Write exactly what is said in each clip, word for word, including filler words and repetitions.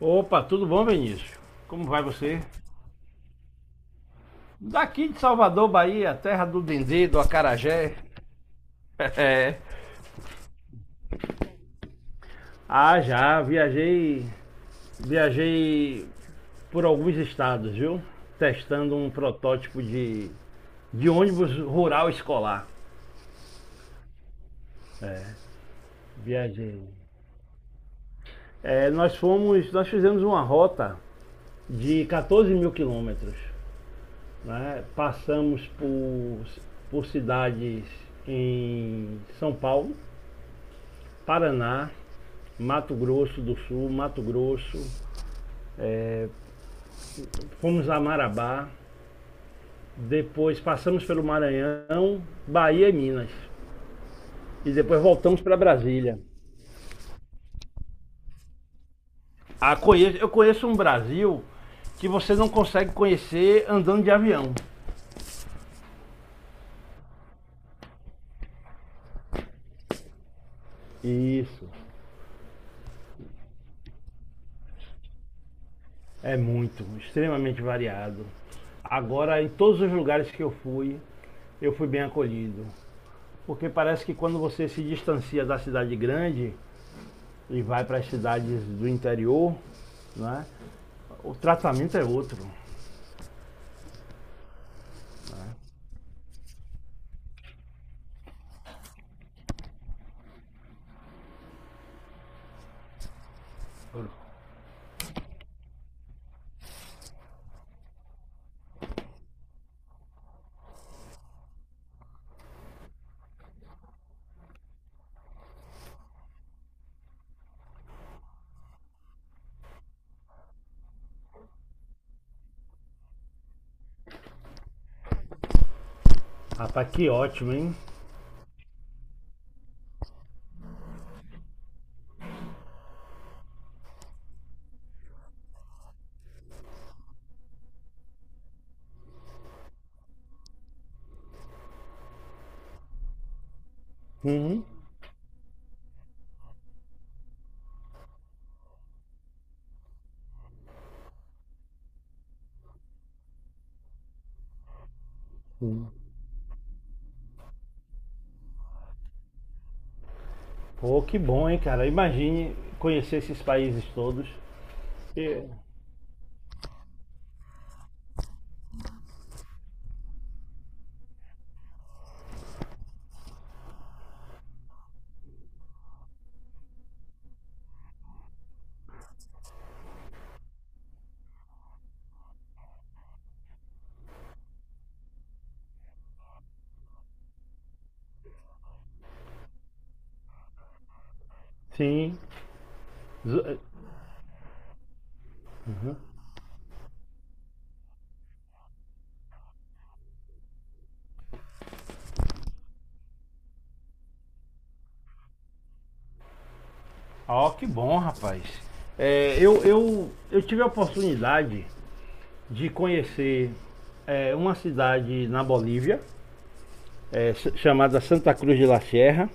Opa, tudo bom, Benício? Como vai você? Daqui de Salvador, Bahia, terra do Dendê, do Acarajé. É. Ah, já, viajei, viajei por alguns estados, viu? Testando um protótipo de, de ônibus rural escolar. É, viajei. É, nós fomos, nós fizemos uma rota de quatorze mil quilômetros, né? Passamos por, por cidades em São Paulo, Paraná, Mato Grosso do Sul, Mato Grosso, é, fomos a Marabá, depois passamos pelo Maranhão, Bahia e Minas. E depois voltamos para Brasília. Ah, conheço- eu conheço um Brasil que você não consegue conhecer andando de avião. Isso. É muito, extremamente variado. Agora, em todos os lugares que eu fui, eu fui bem acolhido. Porque parece que quando você se distancia da cidade grande e vai para as cidades do interior, né, o tratamento é outro. Rapaz, que ótimo, hein? Uhum. Pô, que bom, hein, cara? Imagine conhecer esses países todos. E- Sim. Zo- é, ó, que bom, rapaz. É, eu, eu, eu tive a oportunidade de conhecer é, uma cidade na Bolívia, é, s- chamada Santa Cruz de la Sierra,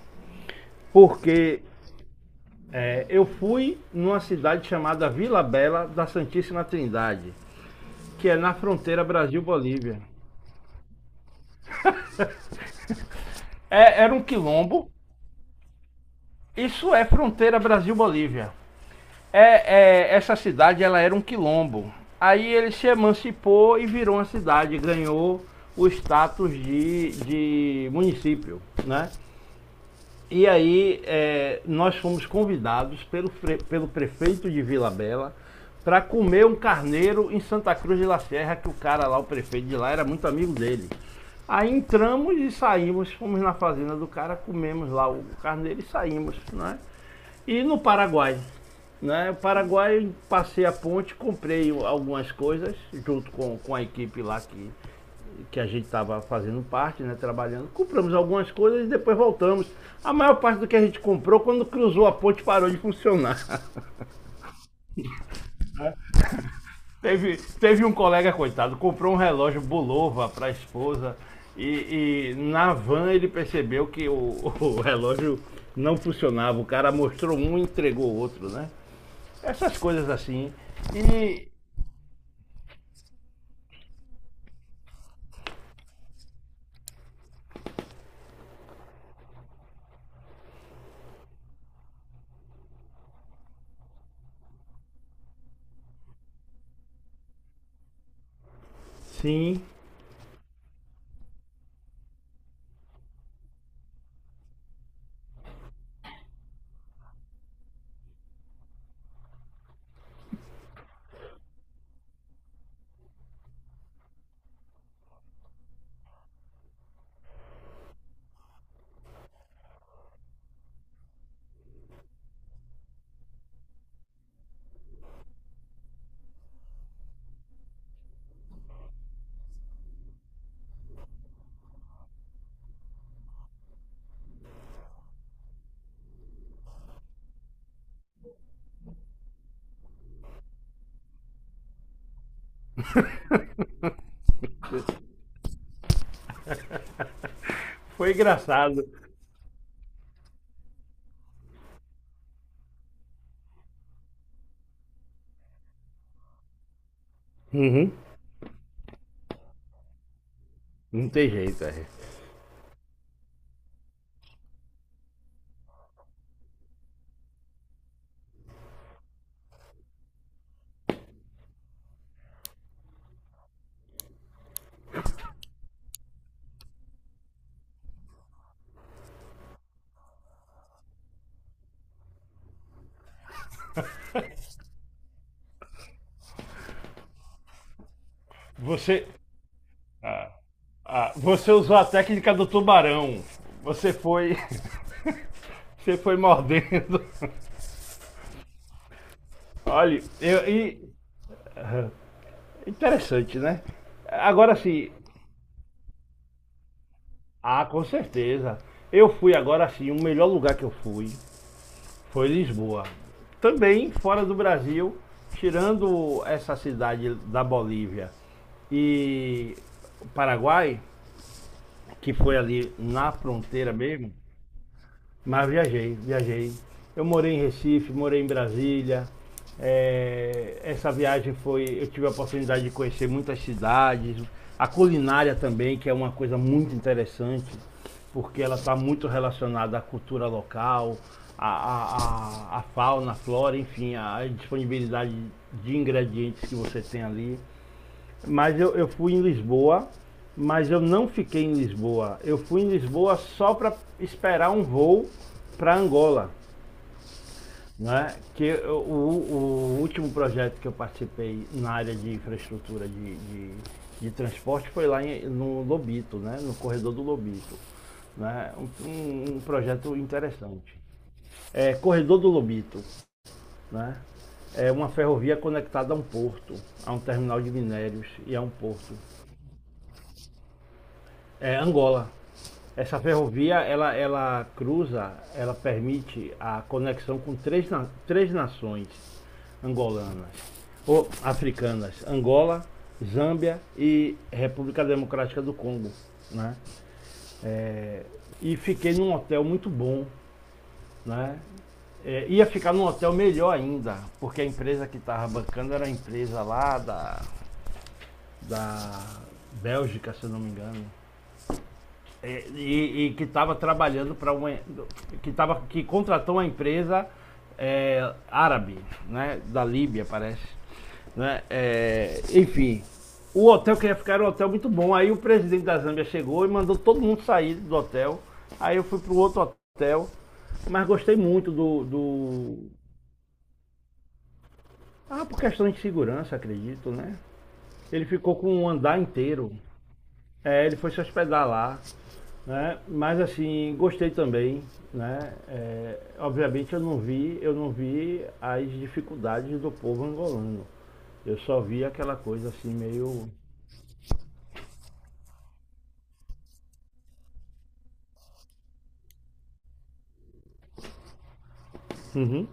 porque é, eu fui numa cidade chamada Vila Bela da Santíssima Trindade, que é na fronteira Brasil-Bolívia. É, era um quilombo. Isso é fronteira Brasil-Bolívia. É, é, essa cidade ela era um quilombo. Aí ele se emancipou e virou uma cidade, ganhou o status de, de município, né? E aí é, nós fomos convidados pelo, pelo prefeito de Vila Bela para comer um carneiro em Santa Cruz de La Serra, que o cara lá, o prefeito de lá, era muito amigo dele. Aí entramos e saímos, fomos na fazenda do cara, comemos lá o carneiro e saímos, né? E no Paraguai, né? O Paraguai, passei a ponte, comprei algumas coisas junto com, com a equipe lá que que a gente estava fazendo parte, né, trabalhando, compramos algumas coisas e depois voltamos. A maior parte do que a gente comprou, quando cruzou a ponte, parou de funcionar. Teve, teve um colega, coitado, comprou um relógio Bulova para a esposa e, e na van ele percebeu que o, o relógio não funcionava. O cara mostrou um e entregou o outro, né? Essas coisas assim. E sim, foi engraçado. Uhum. Não tem jeito, é. Você. ah, Ah, você usou a técnica do tubarão. Você foi. Você foi mordendo. Olha, eu, e- interessante, né? Agora sim. Ah, com certeza. Eu fui agora sim, o melhor lugar que eu fui foi Lisboa. Também fora do Brasil, tirando essa cidade da Bolívia e o Paraguai, que foi ali na fronteira mesmo, mas viajei, viajei. Eu morei em Recife, morei em Brasília. É, essa viagem foi. Eu tive a oportunidade de conhecer muitas cidades, a culinária também, que é uma coisa muito interessante, porque ela está muito relacionada à cultura local, à, à, à- fauna, à flora, enfim, à disponibilidade de ingredientes que você tem ali. Mas eu, eu fui em Lisboa, mas eu não fiquei em Lisboa. Eu fui em Lisboa só para esperar um voo para Angola. Né? Que eu- o, o último projeto que eu participei na área de infraestrutura de, de, de transporte foi lá em- no Lobito, né? No corredor do Lobito. Né? Um, um- um projeto interessante. É, corredor do Lobito. Né? É uma ferrovia conectada a um porto, a um terminal de minérios e a um porto. É Angola. Essa ferrovia, ela, ela cruza, ela permite a conexão com três, três nações angolanas, ou africanas, Angola, Zâmbia e República Democrática do Congo, né? É, e fiquei num hotel muito bom, né? É, ia ficar num hotel melhor ainda, porque a empresa que estava bancando era a empresa lá da, da Bélgica, se eu não me engano. É, e, e que estava trabalhando para uma que tava, que contratou uma empresa é, árabe, né, da Líbia parece, né? É, enfim, o hotel que ia ficar era um hotel muito bom. Aí o presidente da Zâmbia chegou e mandou todo mundo sair do hotel. Aí eu fui para o outro hotel, mas gostei muito do, do ah, por questão de segurança, acredito, né? Ele ficou com um andar inteiro. É, ele foi se hospedar lá, né? Mas assim, gostei também, né? É, obviamente eu não vi, eu não vi as dificuldades do povo angolano. Eu só vi aquela coisa assim meio. Uhum.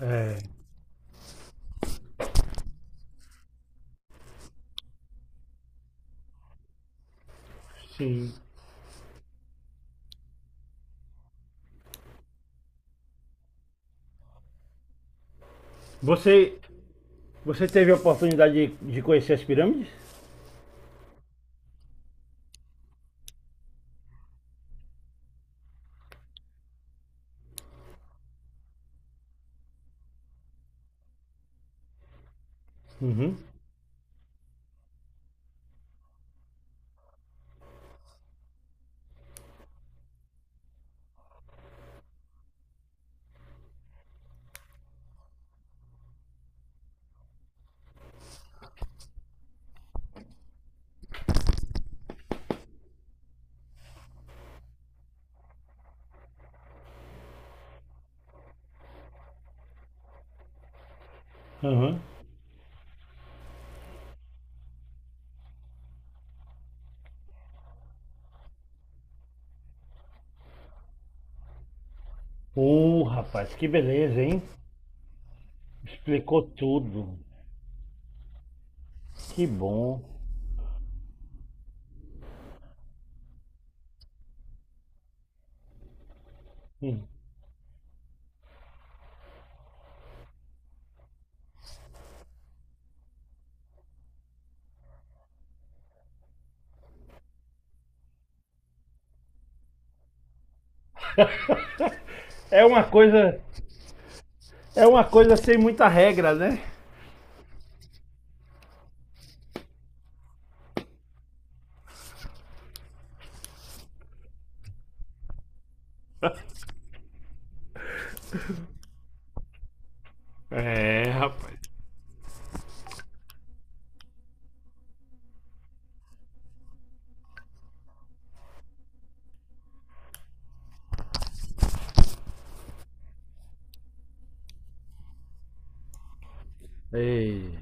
É, sim. Você, você teve a oportunidade de, de conhecer as pirâmides? Uhum. Aham. Uh, rapaz, que beleza, hein? Explicou tudo. Que bom. Hum. É uma coisa, é uma coisa sem muita regra, né? É, rapaz. Ei,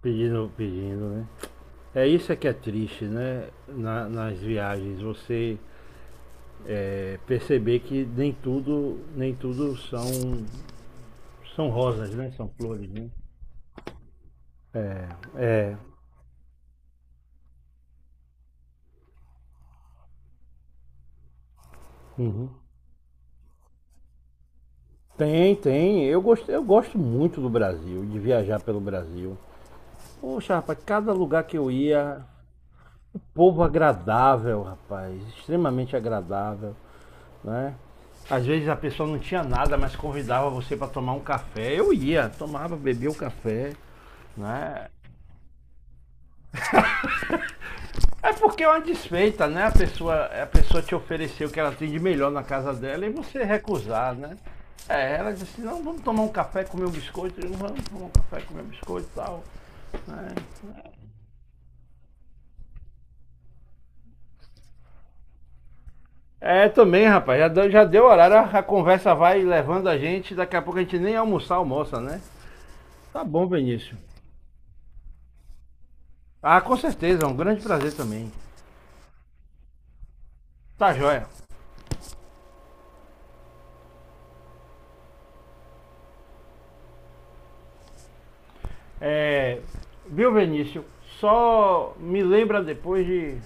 pedindo, pedindo, né? É, isso é que é triste, né? Na- nas viagens, você é, perceber que nem tudo, nem tudo são, são rosas, né? São flores, né? É. Uhum. Tem, tem. Eu gosto, eu gosto muito do Brasil, de viajar pelo Brasil. Poxa, rapaz, cada lugar que eu ia, povo agradável, rapaz, extremamente agradável. Né? Às vezes a pessoa não tinha nada, mas convidava você para tomar um café. Eu ia, tomava, bebia o café, né? É porque é uma desfeita, né? A pessoa, a pessoa te ofereceu o que ela tem de melhor na casa dela e você recusar, né? É, ela disse, assim, não, vamos tomar um café, comer um biscoito. Eu, vamos tomar um café, comer um biscoito e tal. Né? É, também, rapaz, já deu, já deu horário, a, a conversa vai levando a gente, daqui a pouco a gente nem almoçar almoça, né? Tá bom, Benício. Ah, com certeza, é um grande prazer também. Tá joia. É, viu, Benício? Só me lembra depois de